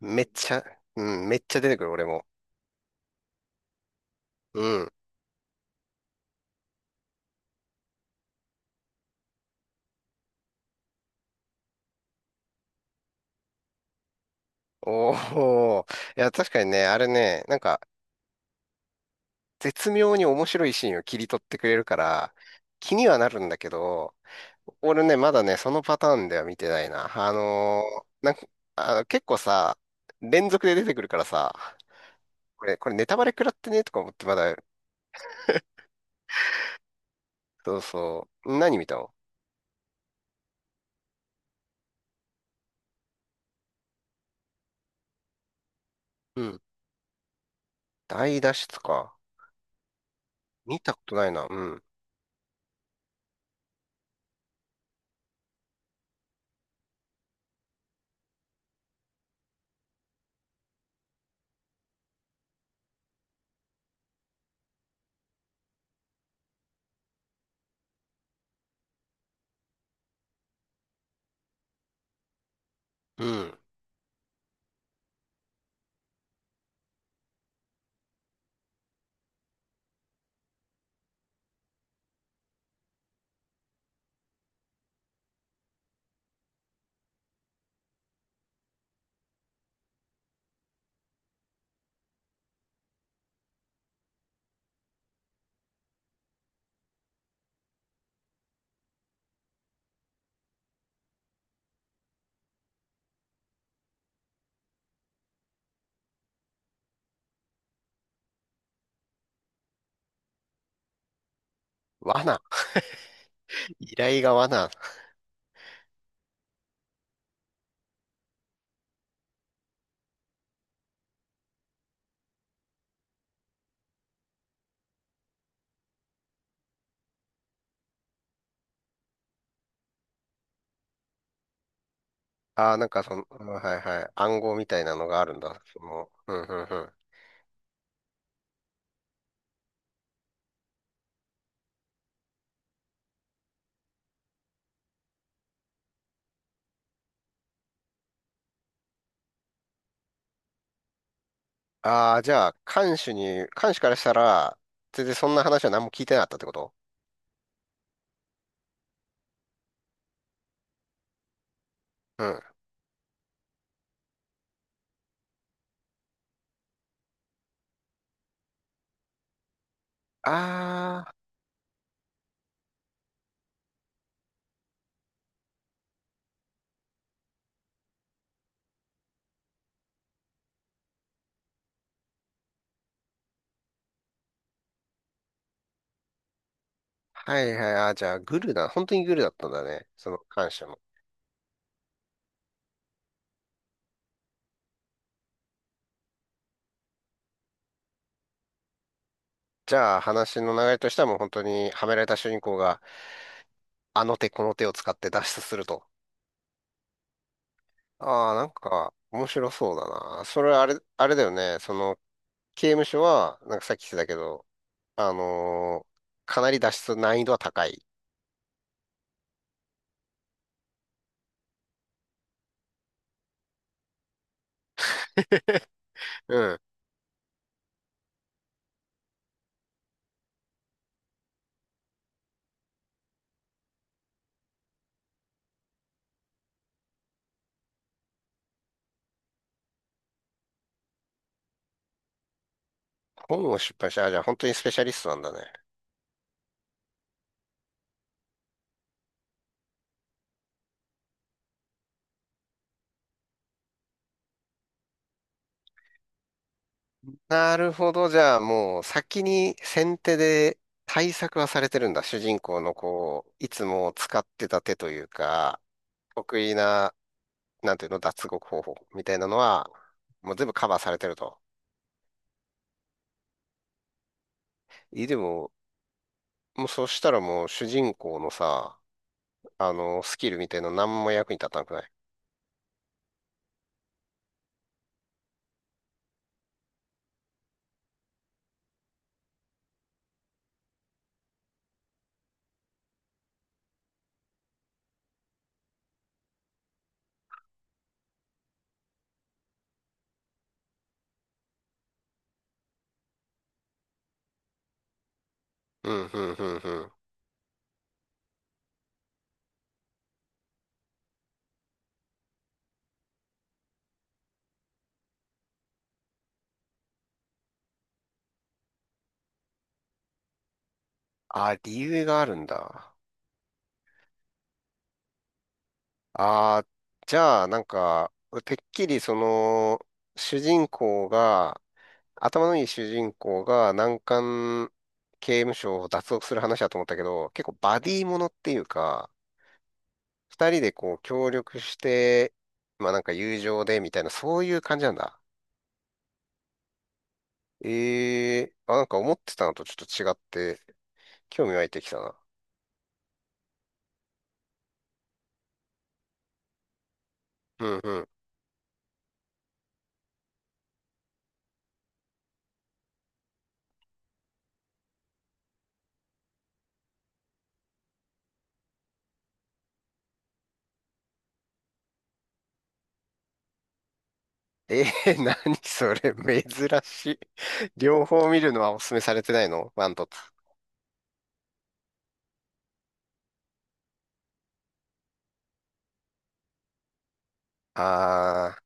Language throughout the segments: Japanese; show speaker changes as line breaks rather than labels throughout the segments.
めっちゃ、うん、めっちゃ出てくる、俺も。うん。おお。いや、確かにね、あれね、絶妙に面白いシーンを切り取ってくれるから、気にはなるんだけど、俺ね、まだそのパターンでは見てないな。結構さ、連続で出てくるからさ、これネタバレ食らってねとか思ってまだ、そうそう。何見たの。うん。大脱出か。見たことないな。うん。うん。罠。依頼が罠。ああ、うん、はいはい、暗号みたいなのがあるんだ。うんうんうん。ああ、じゃあ、看守からしたら、全然そんな話は何も聞いてなかったってこと。うん。ああ、はいはい、あーじゃあ、グルだ。本当にグルだったんだね、その看守の。じゃあ、話の流れとしてはもう本当に、はめられた主人公が、あの手この手を使って脱出すると。ああ、なんか、面白そうだな。それあれ、あれだよね。その、刑務所は、なんかさっき言ってたけど、あのーかなり脱出難易度は高い。うん。本を出版した。あ、じゃあ本当にスペシャリストなんだね。なるほど。じゃあもう先に先手で対策はされてるんだ。主人公のこう、いつも使ってた手というか、得意な、なんていうの、脱獄方法みたいなのは、もう全部カバーされてると。え、でも、もうそしたらもう主人公のさ、あの、スキルみたいなの何も役に立たなくない。うん、うん、うん、うん。あ、理由があるんだ。ああ、じゃあ、なんか、てっきりその、主人公が、頭のいい主人公が難関刑務所を脱獄する話だと思ったけど、結構バディものっていうか、二人でこう協力して、まあなんか友情でみたいな、そういう感じなんだ。ええあ、なんか思ってたのとちょっと違って、興味湧いてきたな。うんうん。ええー、何それ、珍しい。両方見るのはお勧めされてないのワンとツー。ああ。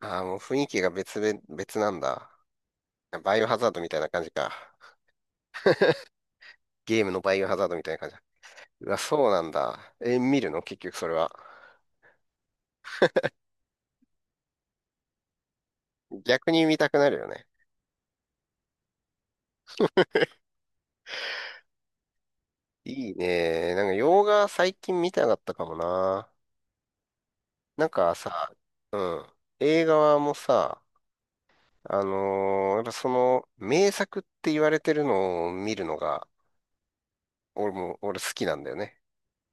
ああ、もう雰囲気が別々、別なんだ。バイオハザードみたいな感じか。ゲームのバイオハザードみたいな感じだ。うわ、そうなんだ。え、見るの結局それは。逆に見たくなるよね。いいね。なんか洋画最近見たかったかもな。なんかさ、うん。映画はもうさ、あのーやっぱその名作って言われてるのを見るのが、俺好きなんだよね。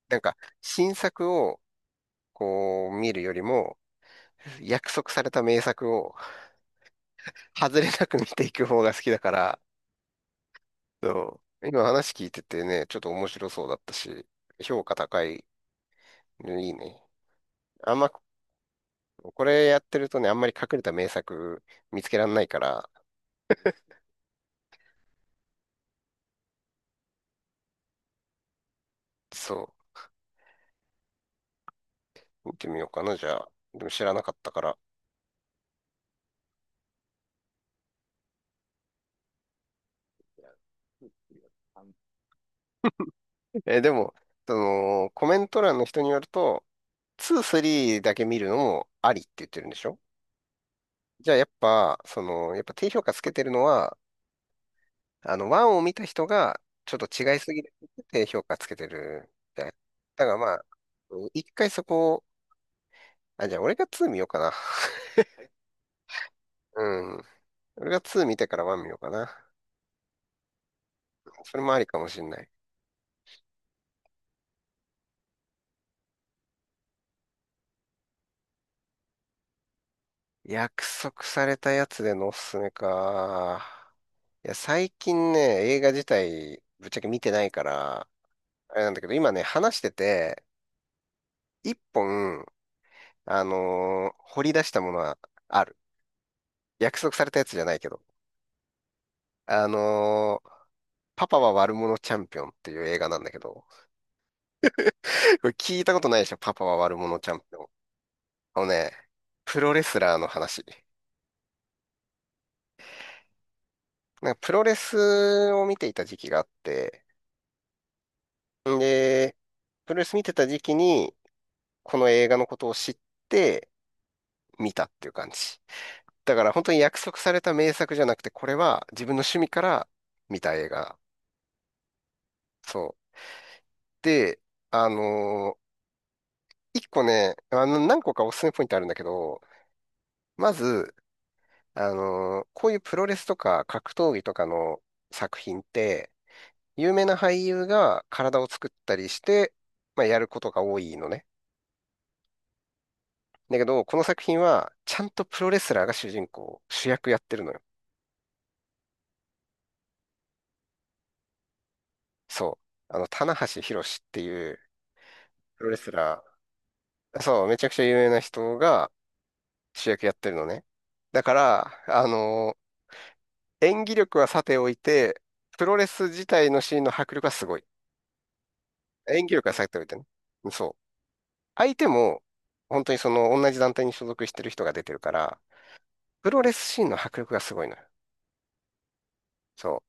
なんか新作をこう見るよりも、約束された名作を外れなく見ていく方が好きだから、そう、今話聞いててね、ちょっと面白そうだったし、評価高いのいいね。あんま、これやってるとね、あんまり隠れた名作見つけらんないから、そう、見てみようかな、じゃあ。でも知らなかったから。え、でも、その、コメント欄の人によると、2、3だけ見るのもありって言ってるんでしょ。じゃあやっぱ、その、やっぱ低評価つけてるのは、あの、1を見た人が、ちょっと違いすぎるって評価つけてるみたい。だからまあ、うん一回そこを、あ、じゃあ俺が2見ようかな。うん。俺が2見てから1見ようかな。それもありかもしんない。約束されたやつでのおすすめか。いや、最近ね、映画自体、ぶっちゃけ見てないからあれなんだけど、今ね、話してて、一本、あのー掘り出したものはある。約束されたやつじゃないけど。あのーパパは悪者チャンピオンっていう映画なんだけど、これ聞いたことないでしょ、パパは悪者チャンピオン。あのね、プロレスラーの話。なんかプロレスを見ていた時期があって、で、プロレス見てた時期に、この映画のことを知って見たっていう感じ。だから本当に約束された名作じゃなくて、これは自分の趣味から見た映画。そう。で、あのー一個ね、あの、何個かおすすめポイントあるんだけど、まず、あのーこういうプロレスとか格闘技とかの作品って、有名な俳優が体を作ったりして、まあ、やることが多いのね。だけど、この作品は、ちゃんとプロレスラーが主人公、主役やってるのよ。そう。あの、棚橋弘至っていうプロレスラー、そう、めちゃくちゃ有名な人が主役やってるのね。だから、あのー演技力はさておいて、プロレス自体のシーンの迫力はすごい。演技力はさておいてね。そう。相手も、本当にその同じ団体に所属してる人が出てるから、プロレスシーンの迫力がすごいのよ。そ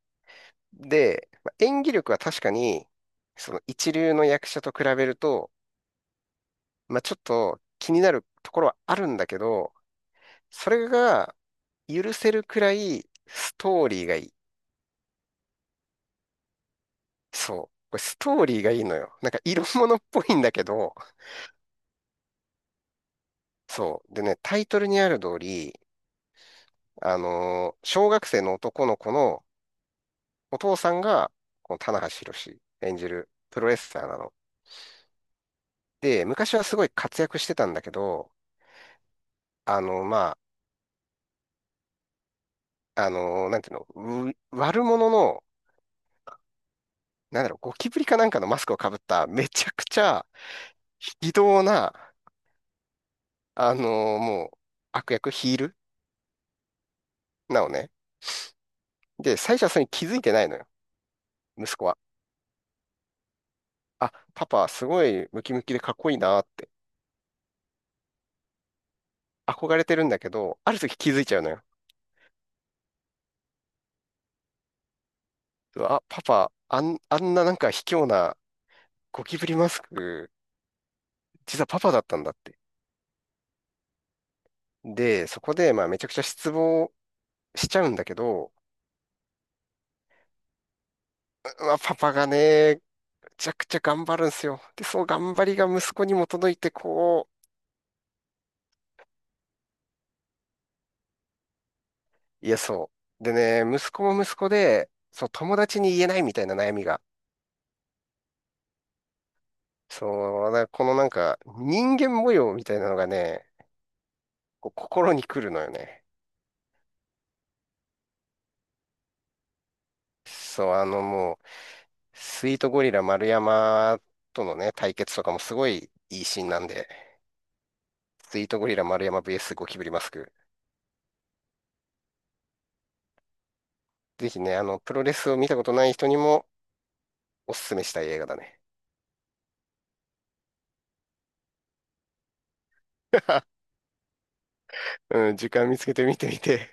う。で、まあ演技力は確かに、その一流の役者と比べると、まあ、ちょっと気になるところはあるんだけど、それが許せるくらいストーリーがいい。そう。これストーリーがいいのよ。なんか色物っぽいんだけど、そう。でね、タイトルにある通り、あのー小学生の男の子のお父さんが、この棚橋弘演じるプロレスラーなの。で、昔はすごい活躍してたんだけど、あの、まなんていうの、う悪者の、なんだろう、ゴキブリかなんかのマスクをかぶっためちゃくちゃ非道な、もう悪役ヒールなのね。で、最初はそれに気づいてないのよ、息子は。あ、パパすごいムキムキでかっこいいなって憧れてるんだけど、ある時気づいちゃうのよ。うわあ、パパ、あん、あんななんか卑怯なゴキブリマスク、実はパパだったんだって。で、そこで、まあ、めちゃくちゃ失望しちゃうんだけど、まあ、パパがね、めちゃくちゃ頑張るんですよ。で、その頑張りが息子にも届いて、こう、いや、そう。でね、息子も息子で、そう、友達に言えないみたいな悩みが、そう、なこのなんか、人間模様みたいなのがね、こう心に来るのよね。そう、もう、スイートゴリラ丸山とのね、対決とかもすごいいいシーンなんで、スイートゴリラ丸山 VS ゴキブリマスク。ぜひね、あの、プロレスを見たことない人にもおすすめしたい映画だね。うん、時間見つけて見てみて。